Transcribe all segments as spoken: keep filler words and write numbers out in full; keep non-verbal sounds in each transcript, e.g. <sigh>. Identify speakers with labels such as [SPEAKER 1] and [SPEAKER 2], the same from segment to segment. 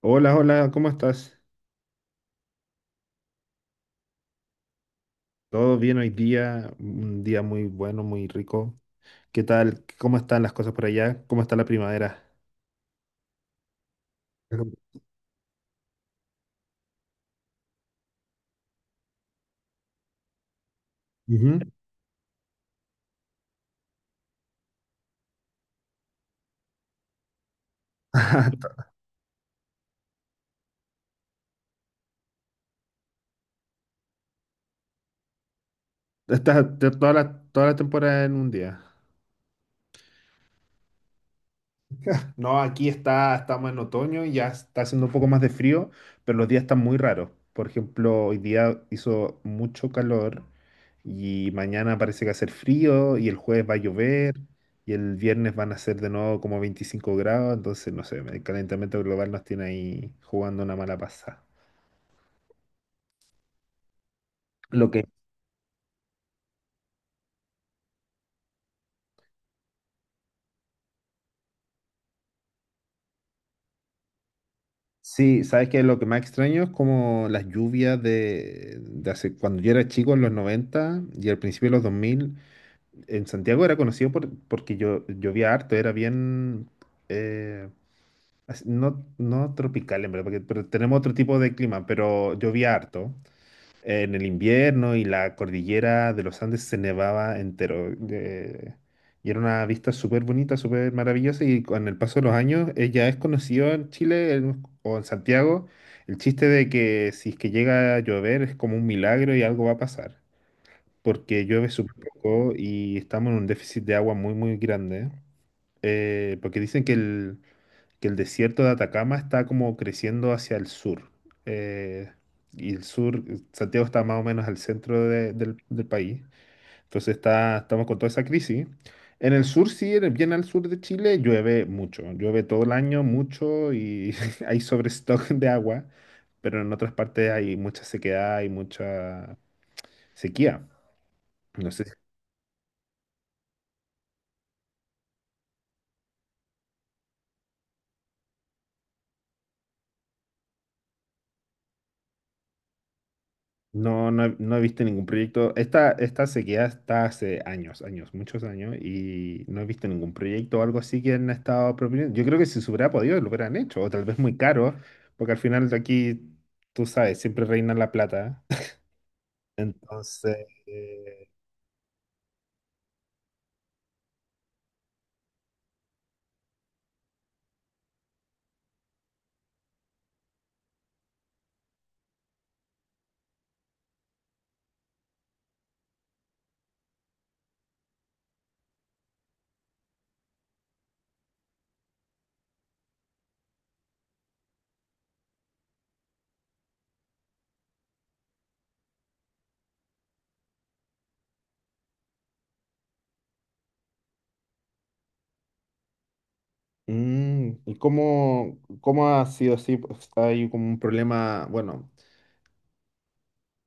[SPEAKER 1] Hola, hola, ¿cómo estás? ¿Todo bien hoy día? Un día muy bueno, muy rico. ¿Qué tal? ¿Cómo están las cosas por allá? ¿Cómo está la primavera? Ujú. <laughs> Está está está toda la, toda la temporada en un día. <laughs> No, aquí está, estamos en otoño, ya está haciendo un poco más de frío, pero los días están muy raros. Por ejemplo, hoy día hizo mucho calor y mañana parece que va a hacer frío y el jueves va a llover y el viernes van a ser de nuevo como veinticinco grados, entonces no sé, el calentamiento global nos tiene ahí jugando una mala pasada. Lo que sí, sabes que lo que más extraño es como las lluvias de, de hace cuando yo era chico en los noventa y al principio de los dos mil en Santiago era conocido por, porque yo llovía harto, era bien, eh, as- no, no tropical en verdad, porque, pero tenemos otro tipo de clima, pero llovía harto eh, en el invierno y la cordillera de los Andes se nevaba entero. Eh, y era una vista súper bonita, súper maravillosa, y con el paso de los años eh, ya es conocido en Chile, en- o en Santiago, el chiste de que si es que llega a llover es como un milagro y algo va a pasar, porque llueve súper poco y estamos en un déficit de agua muy, muy grande. Eh, porque dicen que el, que el desierto de Atacama está como creciendo hacia el sur. Eh, y el sur, eh, Santiago está más o menos al centro de- del, del país. Entonces está, estamos con toda esa crisis. En el sur, sí, en el- bien al sur de Chile, llueve mucho. Llueve todo el año mucho y <laughs> hay sobrestock de agua. Pero en otras partes hay mucha sequedad y mucha sequía. No sé. si No, no, he no he visto ningún proyecto. Esta, esta sequía está hace años, años, muchos años, y no he visto ningún proyecto o algo así que han estado proponiendo. Yo creo que si se hubiera podido, lo hubieran hecho, o tal vez muy caro, porque al final, de aquí, tú sabes, siempre reina la plata. <laughs> Entonces, eh, mm, ¿y cómo, cómo ha sido así? Pues, hay como un problema, bueno,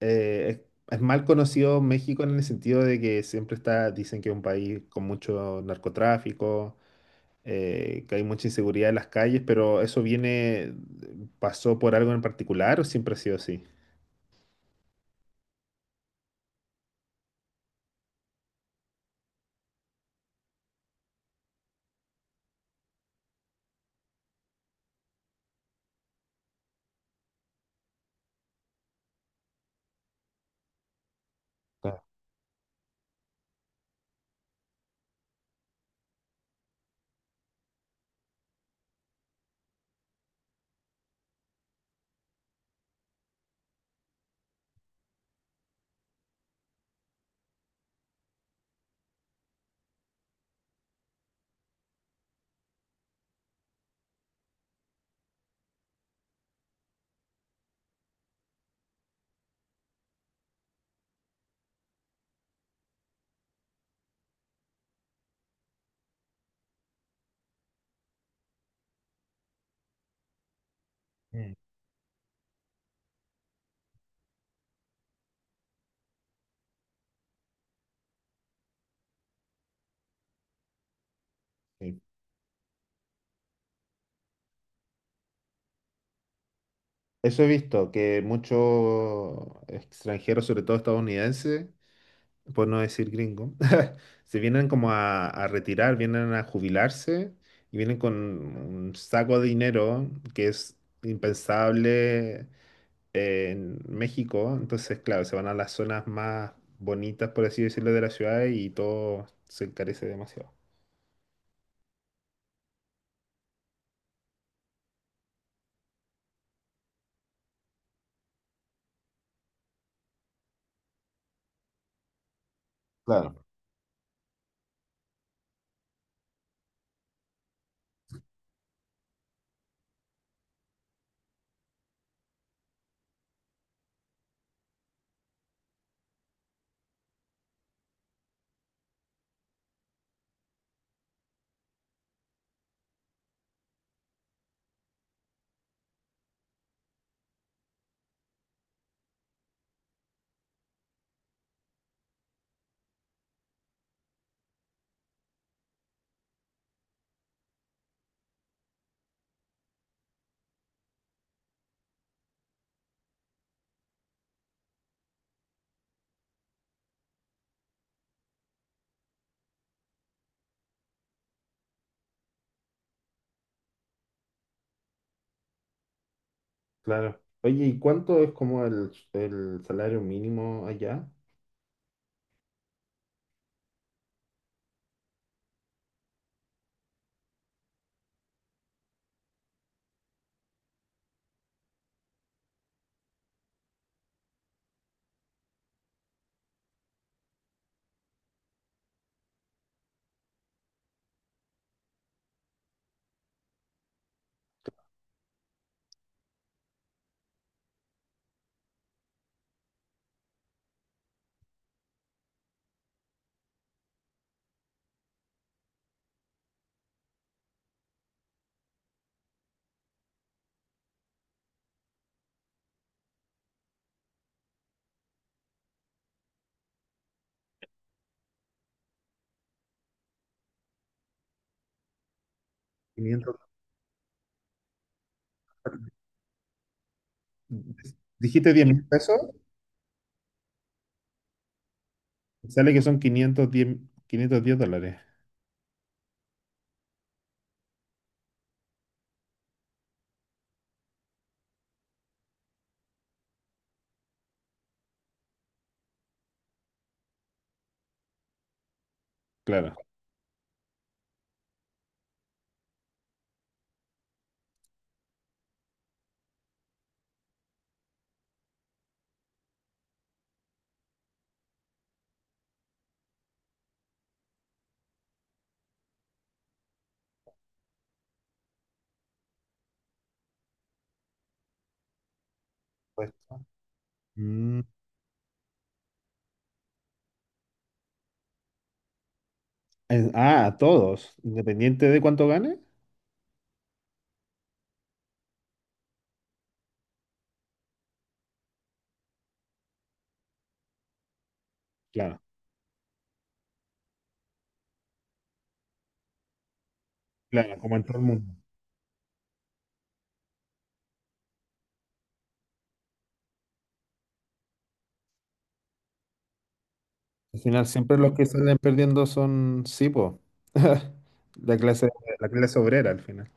[SPEAKER 1] eh, es, es mal conocido México en el sentido de que siempre está, dicen que es un país con mucho narcotráfico, eh, que hay mucha inseguridad en las calles, pero ¿eso viene, pasó por algo en particular o siempre ha sido así? Claro. Mm. Sí. Eso he visto, que muchos extranjeros, sobre todo estadounidenses, por no decir gringo, <laughs> se vienen como a, a retirar, vienen a jubilarse y vienen con un saco de dinero que es impensable en México, entonces, claro, se van a las zonas más bonitas, por así decirlo, de la ciudad y todo se encarece demasiado. Claro. Claro. Oye, ¿y cuánto es como el, el salario mínimo allá? Quinientos Dijiste diez mil pesos, sale que son quinientos diez, quinientos diez dólares. Claro. Puesto. Mm, en- ah, a todos, independiente de cuánto gane. Claro, claro, como en todo el mundo. Al final siempre los que salen perdiendo son Sipo. <laughs> La clase, la clase obrera al final.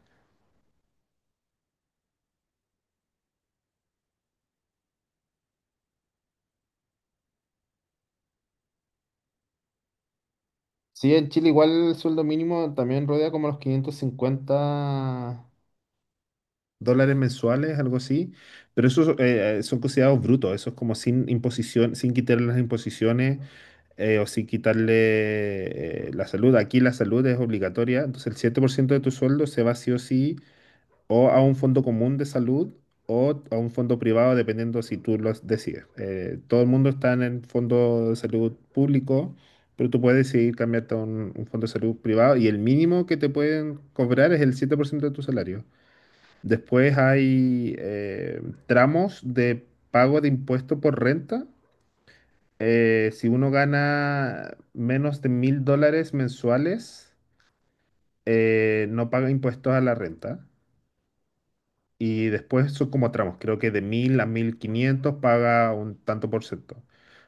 [SPEAKER 1] Sí, en Chile igual el sueldo mínimo también rodea como los quinientos cincuenta dólares mensuales, algo así, pero esos eh, eh, son considerados brutos, eso es como sin imposición, sin quitarle las imposiciones, eh, o sin quitarle, eh, la salud. Aquí la salud es obligatoria, entonces el siete por ciento de tu sueldo se va sí o sí, o a un fondo común de salud, o a un fondo privado, dependiendo si tú lo decides. Eh, todo el mundo está en el fondo de salud público, pero tú puedes decidir cambiarte a un, un fondo de salud privado y el mínimo que te pueden cobrar es el siete por ciento de tu salario. Después hay, eh, tramos de pago de impuesto por renta. Eh, si uno gana menos de mil dólares mensuales, eh, no paga impuestos a la renta. Y después son como tramos, creo que de mil a mil quinientos paga un tanto por ciento.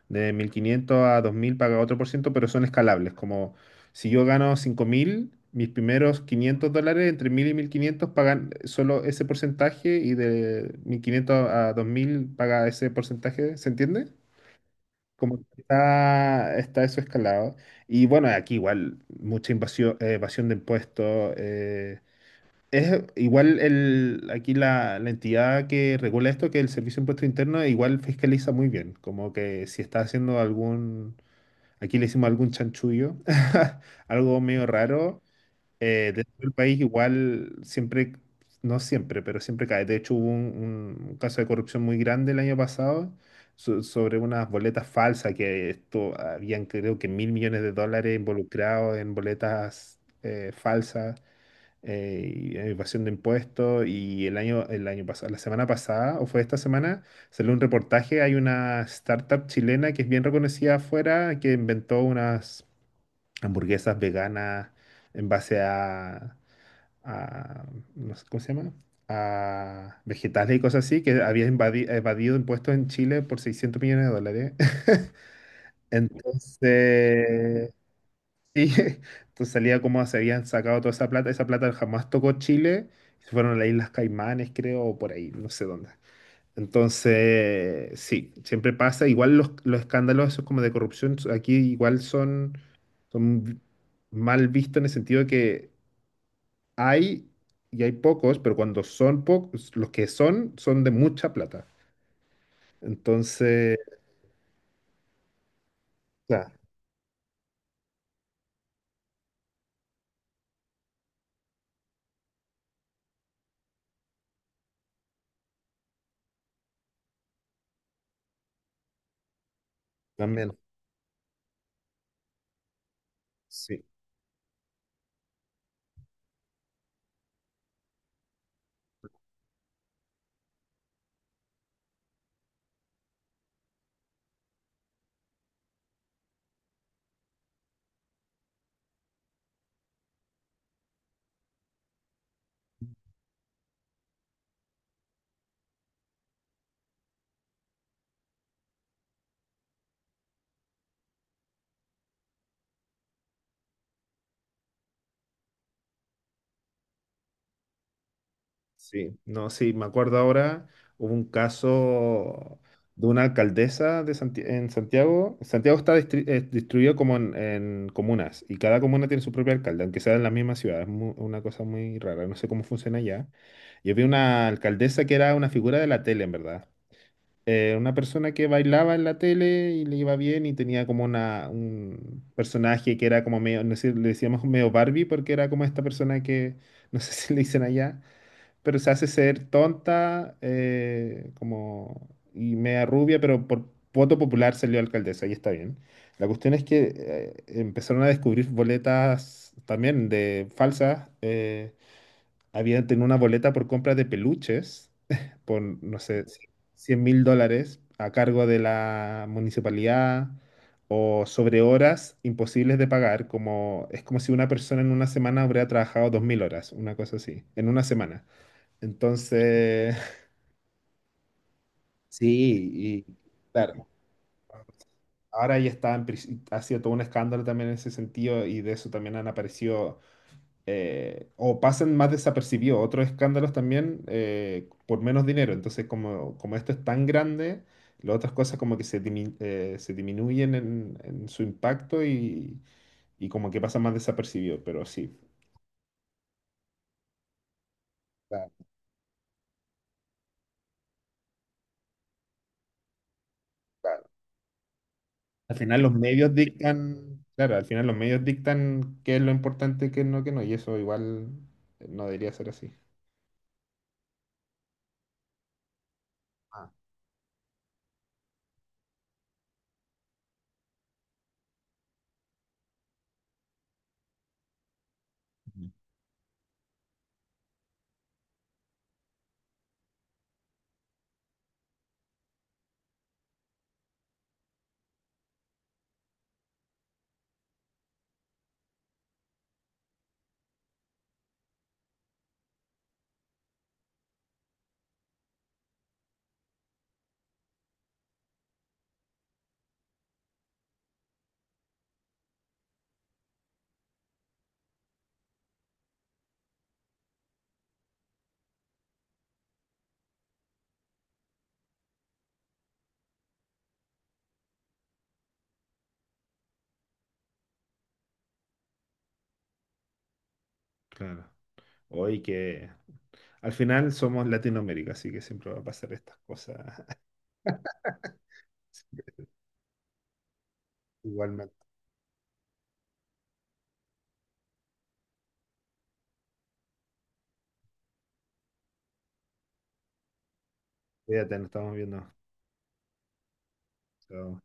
[SPEAKER 1] De mil quinientos a dos mil paga otro por ciento, pero son escalables. Como si yo gano cinco mil, mis primeros quinientos dólares entre mil y mil quinientos pagan solo ese porcentaje, y de mil quinientos a dos mil paga ese porcentaje. ¿Se entiende? Como que está, está eso escalado. Y bueno, aquí igual mucha invasión, evasión de impuestos. eh, es igual el, aquí la, la entidad que regula esto, que el Servicio de Impuesto Interno, igual fiscaliza muy bien, como que si está haciendo algún, aquí le hicimos algún chanchullo, <laughs> algo medio raro, eh, dentro del país igual siempre, no siempre, pero siempre cae. De hecho hubo un, un caso de corrupción muy grande el año pasado, so- sobre unas boletas falsas, que esto habían, creo que, mil millones de dólares involucrados en boletas, eh, falsas, eh, y eh, evasión de impuestos, y el año, el año pasado, la semana pasada o fue esta semana, salió un reportaje, hay una startup chilena que es bien reconocida afuera que inventó unas hamburguesas veganas en base a, a, no sé, ¿cómo se llama?, a vegetales y cosas así, que había invadi- evadido impuestos en Chile por seiscientos millones de dólares. <laughs> Entonces, sí, <laughs> entonces salía como se habían sacado toda esa plata. Esa plata jamás tocó Chile. Se fueron a las Islas Caimanes, creo, o por ahí, no sé dónde. Entonces, sí, siempre pasa. Igual los, los escándalos esos como de corrupción aquí igual son, son vi- mal vistos en el sentido de que hay, y hay pocos, pero cuando son pocos, los que son, son de mucha plata. Entonces, ya, también, sí. Sí, no, sí, me acuerdo ahora, hubo un caso de una alcaldesa de Santi- en Santiago. Santiago está distri- eh, distribuido como en, en comunas y cada comuna tiene su propio alcalde, aunque sea en la misma ciudad. Es mu- una cosa muy rara, no sé cómo funciona allá. Yo vi una alcaldesa que era una figura de la tele, en verdad. Eh, una persona que bailaba en la tele y le iba bien y tenía como una, un personaje que era como medio, no sé, le decíamos medio Barbie, porque era como esta persona que, no sé <laughs> si le dicen allá, pero se hace ser tonta, eh, como y media rubia, pero por voto popular salió alcaldesa y está bien. La cuestión es que eh, empezaron a descubrir boletas también de falsas. Eh, habían tenido una boleta por compra de peluches <laughs> por, no sé, cien mil dólares a cargo de la municipalidad, o sobre horas imposibles de pagar, como es como si una persona en una semana hubiera trabajado dos mil horas, una cosa así, en una semana. Entonces, sí, y claro, ahora ya está, en pris- ha sido todo un escándalo también en ese sentido, y de eso también han aparecido, eh, o pasan más desapercibidos otros escándalos también, eh, por menos dinero. Entonces, como, como esto es tan grande, las otras cosas como que se, dimi- eh, se disminuyen en, en su impacto, y, y como que pasan más desapercibidos, pero sí. Claro, claro. Al final los medios dictan, claro, al final los medios dictan qué es lo importante, qué no, lo que no, y eso igual no debería ser así. Ah, ujú. Claro. Hoy que al final somos Latinoamérica, así que siempre va a pasar estas cosas. <laughs> Igualmente, cuídate, nos estamos viendo. Chao.